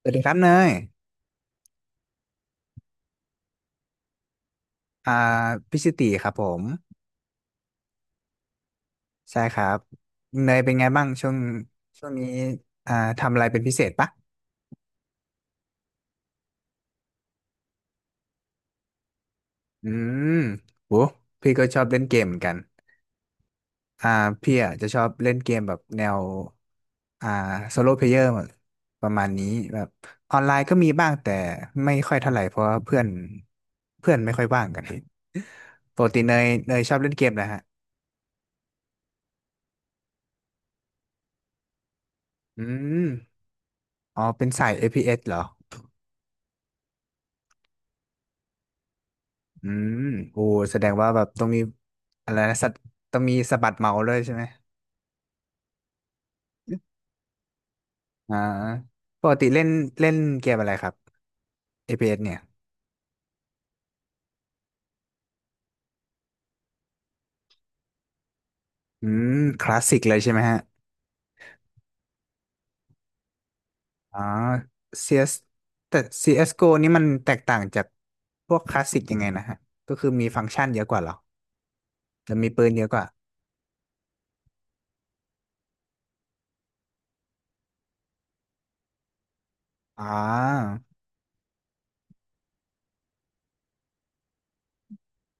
สวัสดีครับเนยอ่าพิชิติครับผมใช่ครับเนยเป็นไงบ้างช่วงนี้อ่าทำอะไรเป็นพิเศษปะอืมโหพี่ก็ชอบเล่นเกมเหมือนกันอ่าพี่อ่ะจะชอบเล่นเกมแบบแนวอ่าโซโล่เพลเยอร์ประมาณนี้แบบออนไลน์ก็มีบ้างแต่ไม่ค่อยเท่าไหร่เพราะว่าเพื่อนเพื่อนไม่ค่อยว่างกัน ปกติเนยชอบเล่นเกมนะฮะอืมอ๋อเป็นสาย FPS เอสเหรอ อืมโอ้แสดงว่าแบบต้องมีอะไรนะสัตต้องมีสะบัดเมาส์ด้วยใช่ไหมอ่าปกติเล่นเล่นเกมอะไรครับ APS เอสเนี่ยอืมคลาสสิกเลยใช่ไหมฮะอ๋อ CS แต่ CSGO นี่มันแตกต่างจากพวกคลาสสิกยังไงนะฮะก็คือมีฟังก์ชันเยอะกว่าเหรอจะมีปืนเยอะกว่าอ๋อ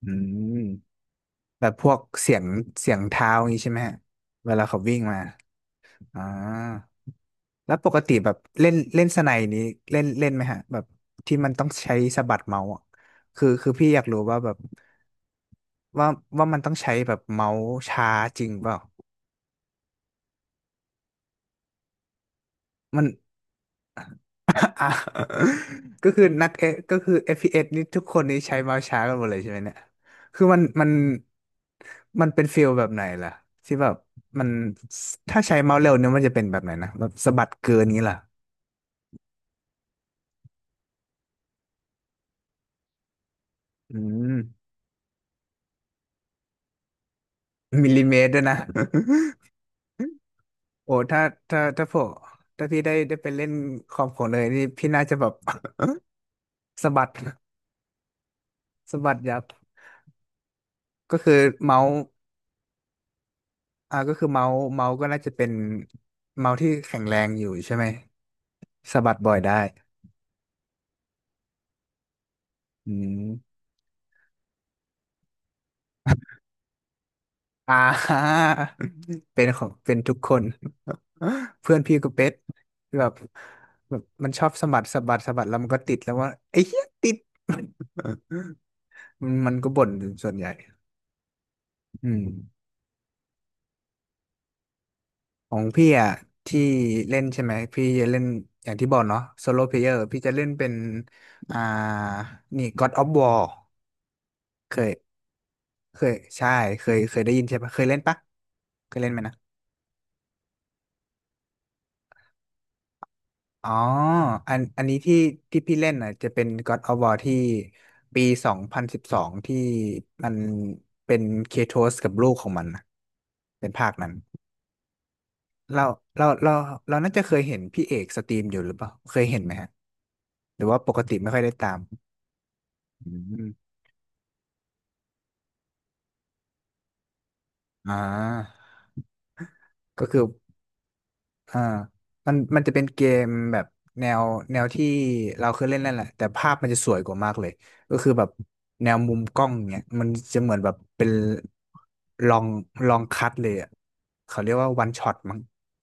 อืมแบบพวกเสียงเสียงเท้าอย่างนี้ใช่ไหมฮะเวลาเขาวิ่งมา อ่าแล้วปกติแบบเล่นเล่นสไนนี้เล่นเล่นไหมฮะแบบที่มันต้องใช้สะบัดเมาส์อะคือพี่อยากรู้ว่าแบบว่ามันต้องใช้แบบเมาส์ช้าจริงเปล่ามัน อ่ะก็คือนักเอก็คือAS นี่ทุกคนนี่ใช้เมาส์ช้ากันหมดเลยใช่ไหมเนี่ยคือมันมันเป็นฟีลแบบไหนล่ะที่แบบมันถ้าใช้เมาส์เร็วเนี่ยมันจะเป็นแบบไหนนะแบบสะบัดเกินนี้ล่ะอืมมิลลิเมตรด้วยนะ โอ้ถ้าถ้าผมถ้าพี่ได้ไปเล่นคอมผมเลยนี่พี่น่าจะแบบ สะบัด สะบัดยับก็คือเมาส์ก็คือเมาส์ก็น่าจะเป็นเมาส์ที่แข็งแรงอยู่ใช่ไหมสะบัดบ่อยได้อืมอ่า เป็นของเป็นทุกคน เพื่อนพี่ก็เป็นแบบแบบมันชอบสะบัดสะบัดสะบัดแล้วมันก็ติดแล้วว่าไอ้เหี้ยติด มันก็บ่นส่วนใหญ่อืม ของพี่อ่ะที่เล่นใช่ไหมพี่จะเล่นอย่างที่บอกเนาะโซโลเพลเยอร์พี่จะเล่นเป็นอ่านี่ God of War เคยเคยใช่เคยได้ยินใช่ปะเคยเล่นปะเคยเล่นไหมนะอ๋ออันนี้ที่พี่เล่นอ่ะจะเป็น God of War ที่ปี2012ที่มันเป็นเคโทสกับลูกของมันนะเป็นภาคนั้นเราเราเราเราน่าจะเคยเห็นพี่เอกสตรีมอยู่หรือเปล่าเคยเห็นไหมฮะหรือว่าปกติไม่ค่อยได้ตามอืม อ่าก็คืออ่ามันจะเป็นเกมแบบแนวที่เราเคยเล่นนั่นแหละแต่ภาพมันจะสวยกว่ามากเลยก็คือแบบแนวมุมกล้องเนี่ยมันจะเหมือนแบบเป็นลองคัดเลยอ่ะเขาเรียกว่าวันช็อตมั้ง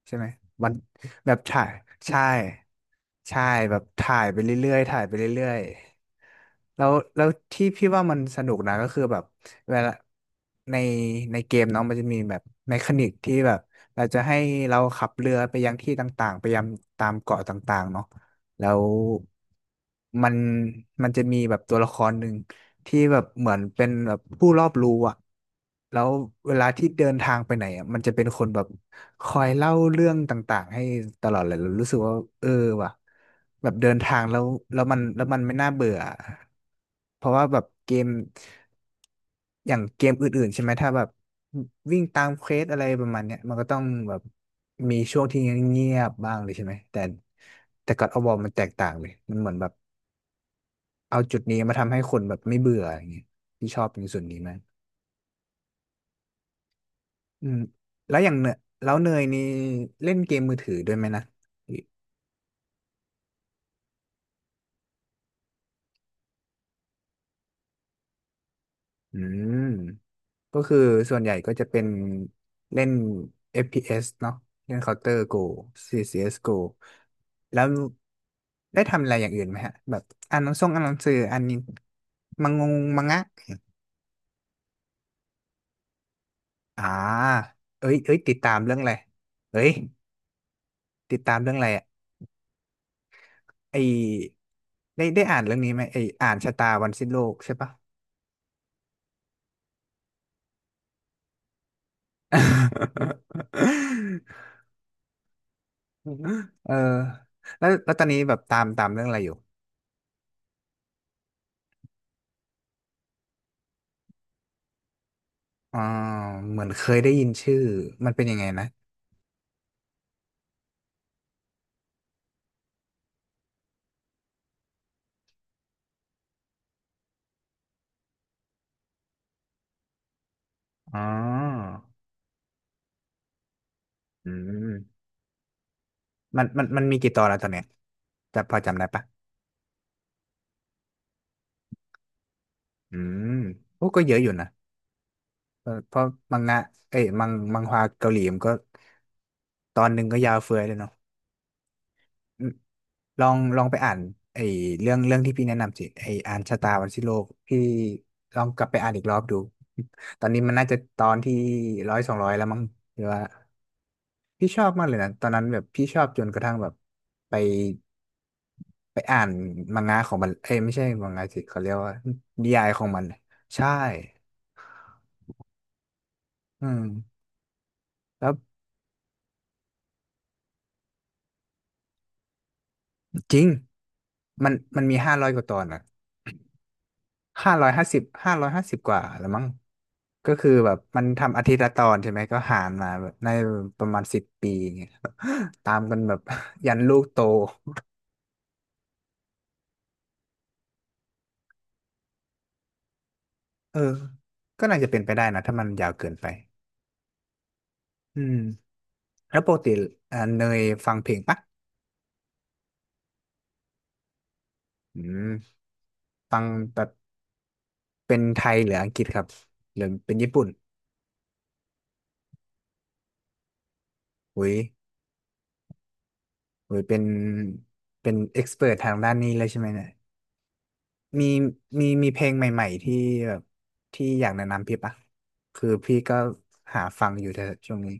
ใช่ไหมวันแบบถ่ายใช่ใช่แบบถ่ายไปเรื่อยๆถ่ายไปเรื่อยๆแล้วที่พี่ว่ามันสนุกนะก็คือแบบ เวลาในเกมเนาะมันจะมีแบบเมคานิกที่แบบเราจะให้เราขับเรือไปยังที่ต่างๆไปยังตามเกาะต่างๆเนาะแล้วมันมันจะมีแบบตัวละครหนึ่งที่แบบเหมือนเป็นแบบผู้รอบรู้อะแล้วเวลาที่เดินทางไปไหนอะมันจะเป็นคนแบบคอยเล่าเรื่องต่างๆให้ตลอดเลยเรารู้สึกว่าเออว่ะแบบเดินทางแล้วแล้วมันไม่น่าเบื่อเพราะว่าแบบเกม อย่างเกมอื่นๆใช่ไหมถ้าแบบวิ่งตามเควสอะไรประมาณเนี้ยมันก็ต้องแบบมีช่วงที่เงียบๆบ้างเลยใช่ไหมแต่แต่ก็อดอวมันแตกต่างเลยมันเหมือนแบบเอาจุดนี้มาทำให้คนแบบไม่เบื่ออย่างเงี้ยที่ชอบในส่วนนี้มากอืมแล้วอย่างเนยแล้วเนยนี่เล่นเกมมือถือด้วยไหมนะอืม ก็คือส่วนใหญ่ก็จะเป็นเล่น FPS เอสเนาะเล่น Counter Go CSGO แล้วได้ทำอะไรอย่างอื่นไหมฮะแบบอ่านหนังส่งอ่านหนังสืออ่านนินมังงงมังงะอ่าเอ้ยติดตามเรื่องอะไรเอ้ยติดตามเรื่องอะไรอ่ะไอได้อ่านเรื่องนี้ไหมไออ่านชะตาวันสิ้นโลกใช่ปะ เออแล้วตอนนี้แบบตามเรื่องอะไรอยู่ อ่าเหมือนเคยได้ยินชื่อมันเป็นยังไงนะอ๋ออืมมันมีกี่ตอนแล้วตอนเนี้ยจะพอจำได้ปะอืมโอ้ก็เยอะอยู่นะเพราะมังงะเอ้ยมังฮวาเกาหลีมันก็ตอนหนึ่งก็ยาวเฟือยเลยเนาะอืมลองไปอ่านไอ้เรื่องที่พี่แนะนำสิไอ้อ่านชะตาวันสิ้นโลกพี่ลองกลับไปอ่านอีกรอบดูตอนนี้มันน่าจะตอนที่100 200แล้วมั้งหรือว่า พี่ชอบมากเลยนะตอนนั้นแบบพี่ชอบจนกระทั่งแบบไปไปอ่านมังงะของมันเอ้ยไม่ใช่มังงะสิเขาเรียกว่านิยายของมันใช่อืมแล้วจริงมันมันมี500 กว่าตอนอ่ะห้าร้อยห้าสิบห้าร้อยห้าสิบกว่าแล้วมั้งก็คือแบบมันทำอาทิตย์ละตอนใช่ไหมก็หารมาแบบในประมาณ10 ปีอย่างเงี้ย ตามกันแบบ ยันลูกโตเออก็น่าจะเป็นไปได้นะถ้ามันยาวเกินไปอืม แล้วปกติเนยฟังเพลงปะอืมฟังแบบเป็นไทยหรืออังกฤษครับหรือเป็นญี่ปุ่นอุ้ยอุ้ยเป็นเป็นเอ็กซ์เพรทางด้านนี้เลยใช่ไหมเนี่ยมีมีเพลงใหม่ๆที่แบบที่อยากแนะนำพี่ปะคือพี่ก็หาฟังอยู่แต่ช่วงนี้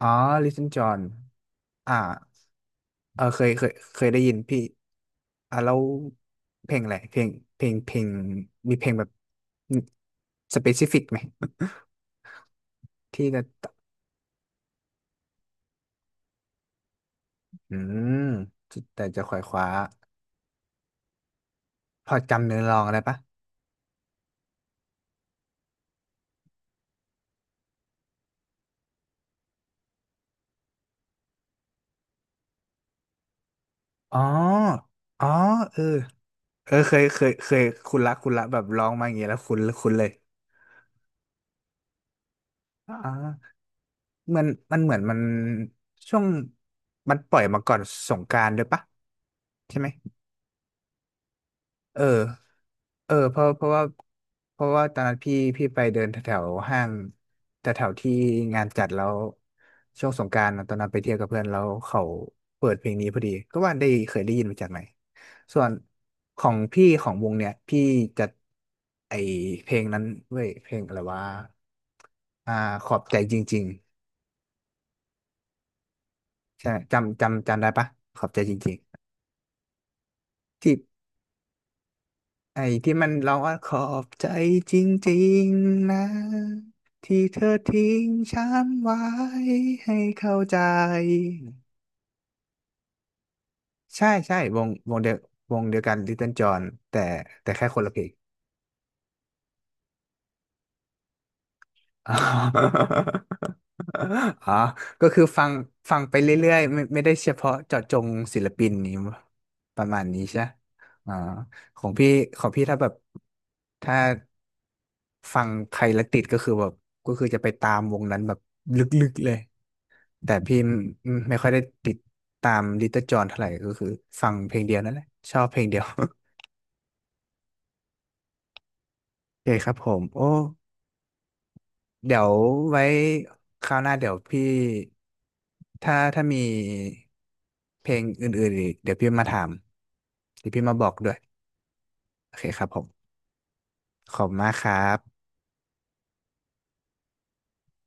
อ๋อ Listen John อ่าเออเคยได้ยินพี่อ่ะแล้วเพลงอะไรเพลงเพลงเพลงมีเพลงแบบสเปซิฟิกไหม ที่จะ อืมจะแต่จะขวายขวาพอจำเนื้อลองอะไรปะอ๋ออ๋อเออเออเคยคุณละคุณละแบบร้องมาอย่างเงี้ยแล้วคุณเลยอ๋อมันมันเหมือนมันช่วงมันปล่อยมาก่อนสงกรานต์ด้วยปะใช่ไหม เออเออเพราะว่าตอนนั้นพี่ไปเดินแถวๆห้างแถวๆที่งานจัดแล้วช่วงสงกรานต์อะตอนนั้นไปเที่ยวกับเพื่อนแล้วเขาเปิดเพลงนี้พอดีก็ว่าได้เคยได้ยินมาจากไหนส่วนของพี่ของวงเนี่ยพี่จะไอเพลงนั้นเว้ยเพลงอะไรวะอ่าขอบใจจริงๆใช่จำได้ปะขอบใจจริงๆที่ ไอ้ที่มันร้องว่าขอบใจจริงๆนะที่เธอทิ้งฉันไว้ให้เข้าใจใช่ใช่วงเดียววงเดียวกัน Little John แต่แต่แค่คนละเพลง อ๋อ ก็คือฟังไปเรื่อยๆไม่ได้เฉพาะเจาะจงศิลปินนี้ประมาณนี้ใช่ไหมอ๋อของพี่ของพี่ถ้าแบบถ้าฟังใครแล้วติดก็คือแบบก็คือจะไปตามวงนั้นแบบลึกๆเลยแต่พี่ไม่ไม่ค่อยได้ติดตามลิตเติ้ลจอห์นเท่าไหร่ก็คือฟังเพลงเดียวนั่นแหละชอบเพลงเดียว โอเคครับผมโอ้ เดี๋ยวไว้คราวหน้าเดี๋ยวพี่ถ้ามีเพลงอื่นๆอีกเดี๋ยวพี่มาถามเดี๋ยวพี่มาบอกด้วยโอเคครับผมขอบคุณมากครับ